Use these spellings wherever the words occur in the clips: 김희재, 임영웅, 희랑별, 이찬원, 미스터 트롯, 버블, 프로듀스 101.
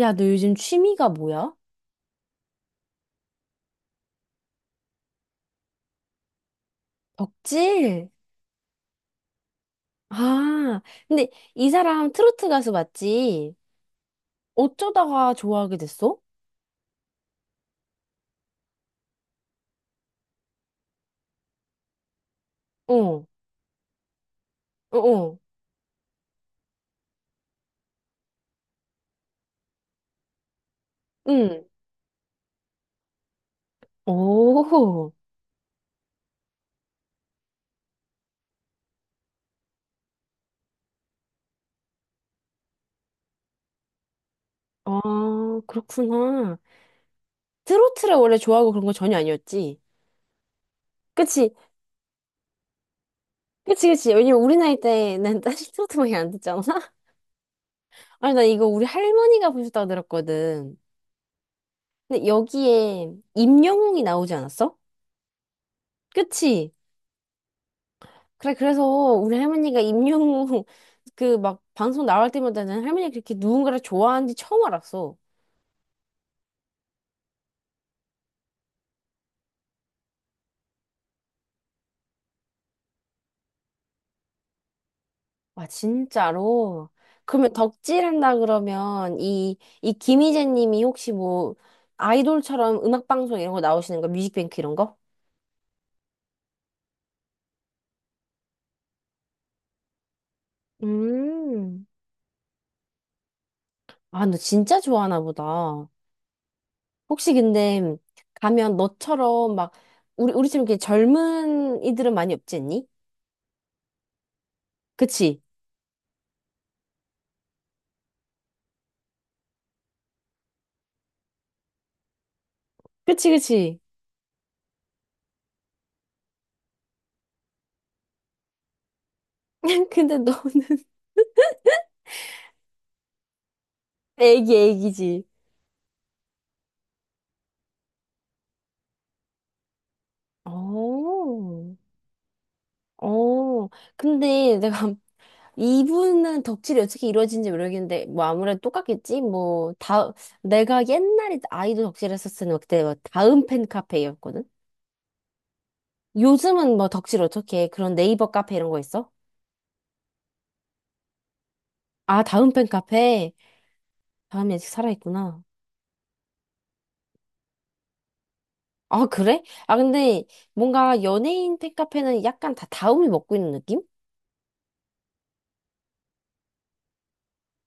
야, 너 요즘 취미가 뭐야? 덕질? 아, 근데 이 사람 트로트 가수 맞지? 어쩌다가 좋아하게 됐어? 어, 어, 어, 응. 오, 아, 그렇구나. 트로트를 원래 좋아하고 그런 거 전혀 아니었지? 그치, 그치, 그치. 왜냐면 우리 나이 때는 사실 트로트밖에 안 듣잖아? 아니, 나 이거 우리 할머니가 보셨다고 들었거든. 근데 여기에 임영웅이 나오지 않았어? 그치? 그래, 그래서 우리 할머니가 임영웅 그 막 방송 나올 때마다는 할머니가 그렇게 누군가를 좋아하는지 처음 알았어. 와, 진짜로? 그러면 덕질한다 그러면 이 김희재 님이 혹시 뭐 아이돌처럼 음악방송 이런 거 나오시는 거? 뮤직뱅크 이런 거? 음. 아, 너 진짜 좋아하나 보다. 혹시 근데 가면 너처럼 막 우리처럼 이렇게 젊은 이들은 많이 없지 않니? 그치? 그치, 그치. 근데 너는 애기, 애기지. 어, 어. 근데 내가 이분은 덕질이 어떻게 이루어진지 모르겠는데, 뭐 아무래도 똑같겠지? 뭐, 다, 내가 옛날에 아이돌 덕질했었을 때 그때 뭐 다음 팬 카페였거든? 요즘은 뭐 덕질 어떻게 해? 그런 네이버 카페 이런 거 있어? 아, 다음 팬 카페. 다음이 아직 살아있구나. 아, 그래? 아, 근데 뭔가 연예인 팬 카페는 약간 다 다음이 먹고 있는 느낌?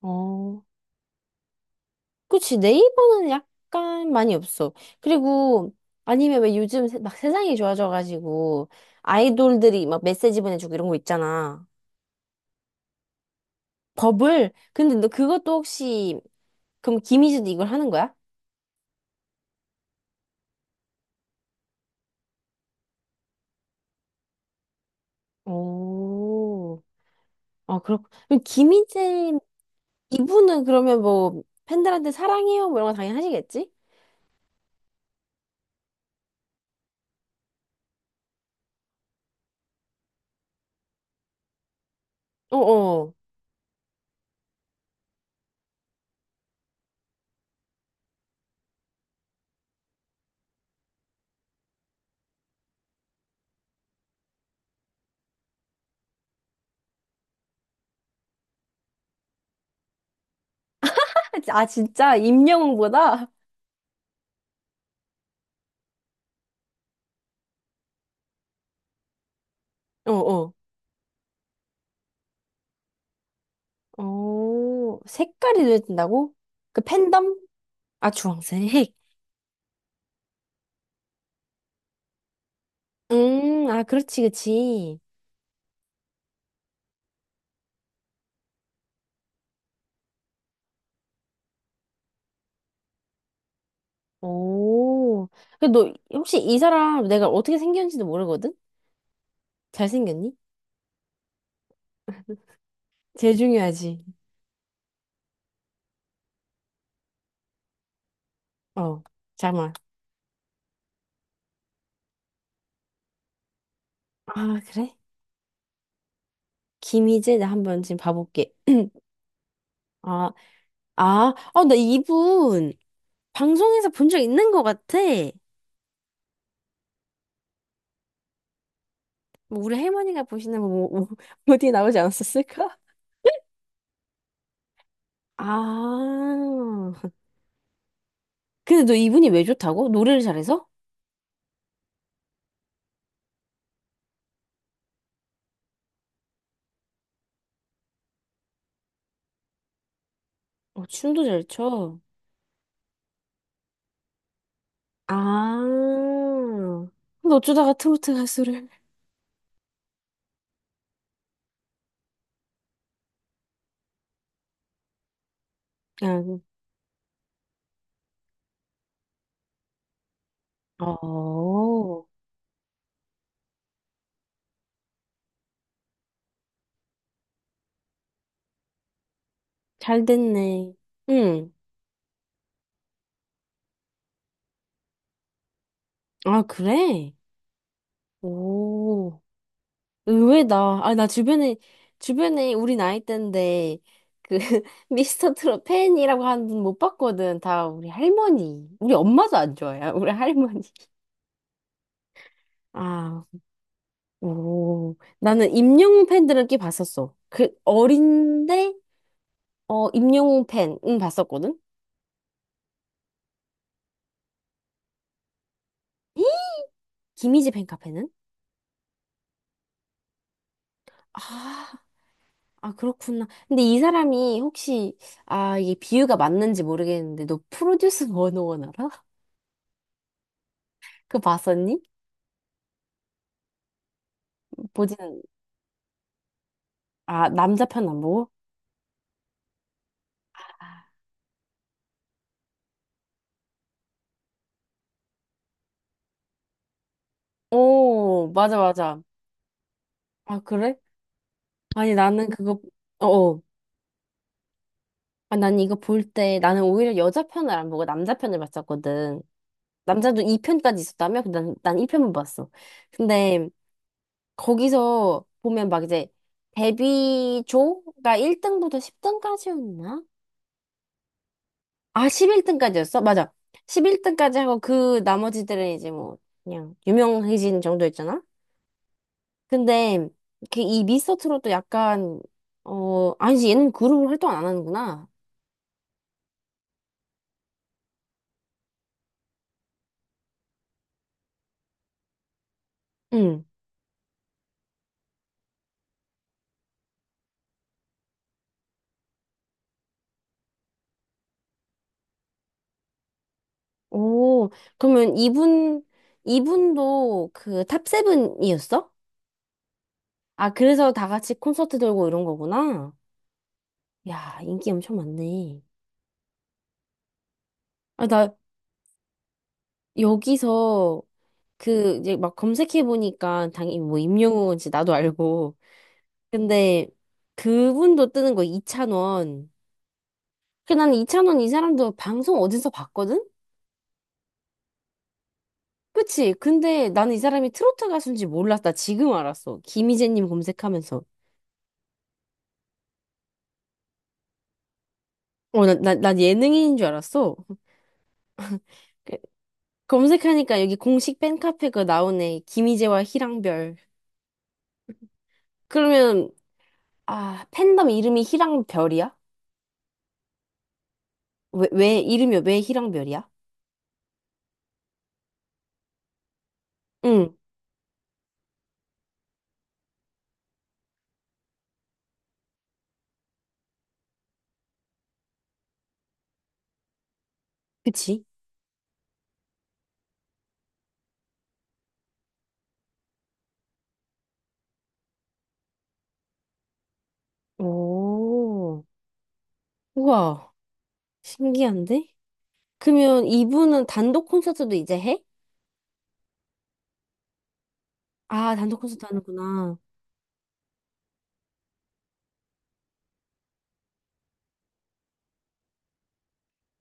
어. 그치, 네이버는 약간 많이 없어. 그리고, 아니면 왜 요즘 막 세상이 좋아져가지고, 아이돌들이 막 메시지 보내주고 이런 거 있잖아. 버블? 근데 너 그것도 혹시, 그럼 김희재도 이걸 하는 거야? 오, 아, 그렇, 그럼 김희재, 이분은 그러면 뭐, 팬들한테 사랑해요? 뭐 이런 거 당연히 하시겠지? 어어. 아, 진짜? 임영웅보다? 어어. 오, 색깔이 눈에 띈다고? 그 팬덤? 아, 주황색. 아, 그렇지, 그렇지. 오. 근데 너 혹시 이 사람 내가 어떻게 생겼는지도 모르거든? 잘생겼니? 제일 중요하지. 어, 잠깐만. 아, 그래? 김희재, 나 한번 지금 봐볼게. 아, 아, 어, 나 이분 방송에서 본 적 있는 것 같아. 뭐 우리 할머니가 보시는 뭐 어디에 나오지 않았었을까? 아, 근데 너 이분이 왜 좋다고? 노래를 잘해서? 어, 춤도 잘 춰. 아. 근데 어쩌다가 트로트 가수를. 아, 어, 잘 됐네. 응. 아, 그래? 오. 의외다. 아, 나 주변에, 주변에 우리 나이 때인데, 그, 미스터 트롯 팬이라고 하는 분 못 봤거든. 다 우리 할머니. 우리 엄마도 안 좋아해. 우리 할머니. 아, 오, 나는 임영웅 팬들은 꽤 봤었어. 그, 어린데, 어, 임영웅 팬은 봤었거든. 김희지 팬카페는? 아, 아, 그렇구나. 근데 이 사람이 혹시, 아, 이게 비유가 맞는지 모르겠는데, 너 프로듀스 101 알아? 그거 봤었니? 보진, 않- 아, 남자 편 안 보고? 오, 맞아, 맞아. 아, 그래? 아니, 나는 그거, 어어. 아, 난 이거 볼 때, 나는 오히려 여자 편을 안 보고 남자 편을 봤었거든. 남자도 2편까지 있었다며? 근데 난 1편만 봤어. 근데, 거기서 보면 막 이제 데뷔조가 1등부터 10등까지였나? 아, 11등까지였어? 맞아. 11등까지 하고 그 나머지들은 이제 뭐 그냥 유명해진 정도였잖아? 근데 그 이 미스터트롯도 약간 어, 아니지 얘는 그룹을 활동 안 하는구나. 응. 오, 그러면 이분 이분도 그 탑세븐이었어? 아, 그래서 다 같이 콘서트 돌고 이런 거구나. 야, 인기 엄청 많네. 아나 여기서 그 이제 막 검색해 보니까 당연히 뭐 임영웅인지 나도 알고 근데 그분도 뜨는 거 이찬원 그 나는 이찬원 이 사람도 방송 어디서 봤거든? 그치? 근데 나는 이 사람이 트로트 가수인지 몰랐다 지금 알았어 김희재님 검색하면서 어, 난 예능인인 줄 알았어 그- 검색하니까 여기 공식 팬카페 가 나오네 김희재와 희랑별 그러면 아 팬덤 이름이 희랑별이야? 왜, 왜 이름이 왜 희랑별이야? 응. 그치? 오, 우와, 신기한데? 그러면 이분은 단독 콘서트도 이제 해? 아, 단독 콘서트 하는구나.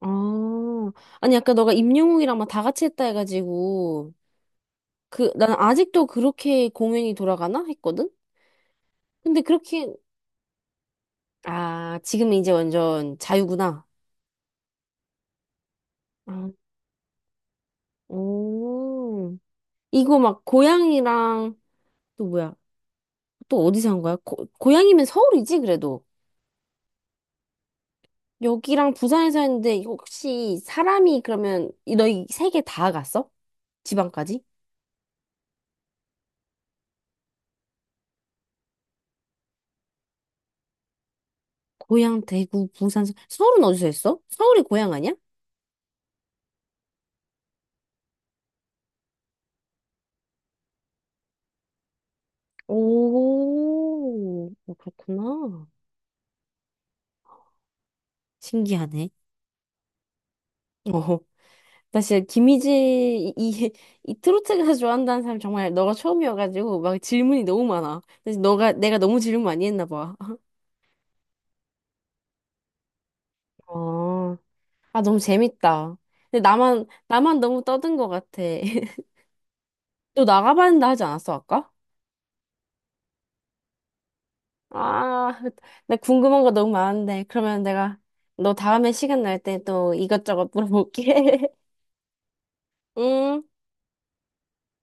아, 아니, 아까 너가 임영웅이랑 막 다 같이 했다 해가지고, 그, 난 아직도 그렇게 공연이 돌아가나? 했거든? 근데 그렇게, 아, 지금은 이제 완전 자유구나. 아, 오, 이거 막 고양이랑, 또 뭐야? 또 어디서 한 거야? 고, 고양이면 서울이지, 그래도. 여기랑 부산에 서 했는데 이거 혹시 사람이 그러면 너희 세 개 다 갔어? 지방까지? 고향, 대구, 부산, 서울은 어디서 했어? 서울이 고향 아니야? 오, 어, 그렇구나. 신기하네. 어, 나 진짜 김희재 이, 이, 이 트로트 가수 좋아한다는 사람 정말 너가 처음이어가지고 막 질문이 너무 많아. 근데 너가 내가 너무 질문 많이 했나 봐. 어, 아 너무 재밌다. 근데 나만 너무 떠든 것 같아. 너 나가봤는데 하지 않았어 아까? 아, 나 궁금한 거 너무 많은데. 그러면 내가 너 다음에 시간 날 때 또 이것저것 물어볼게. 음.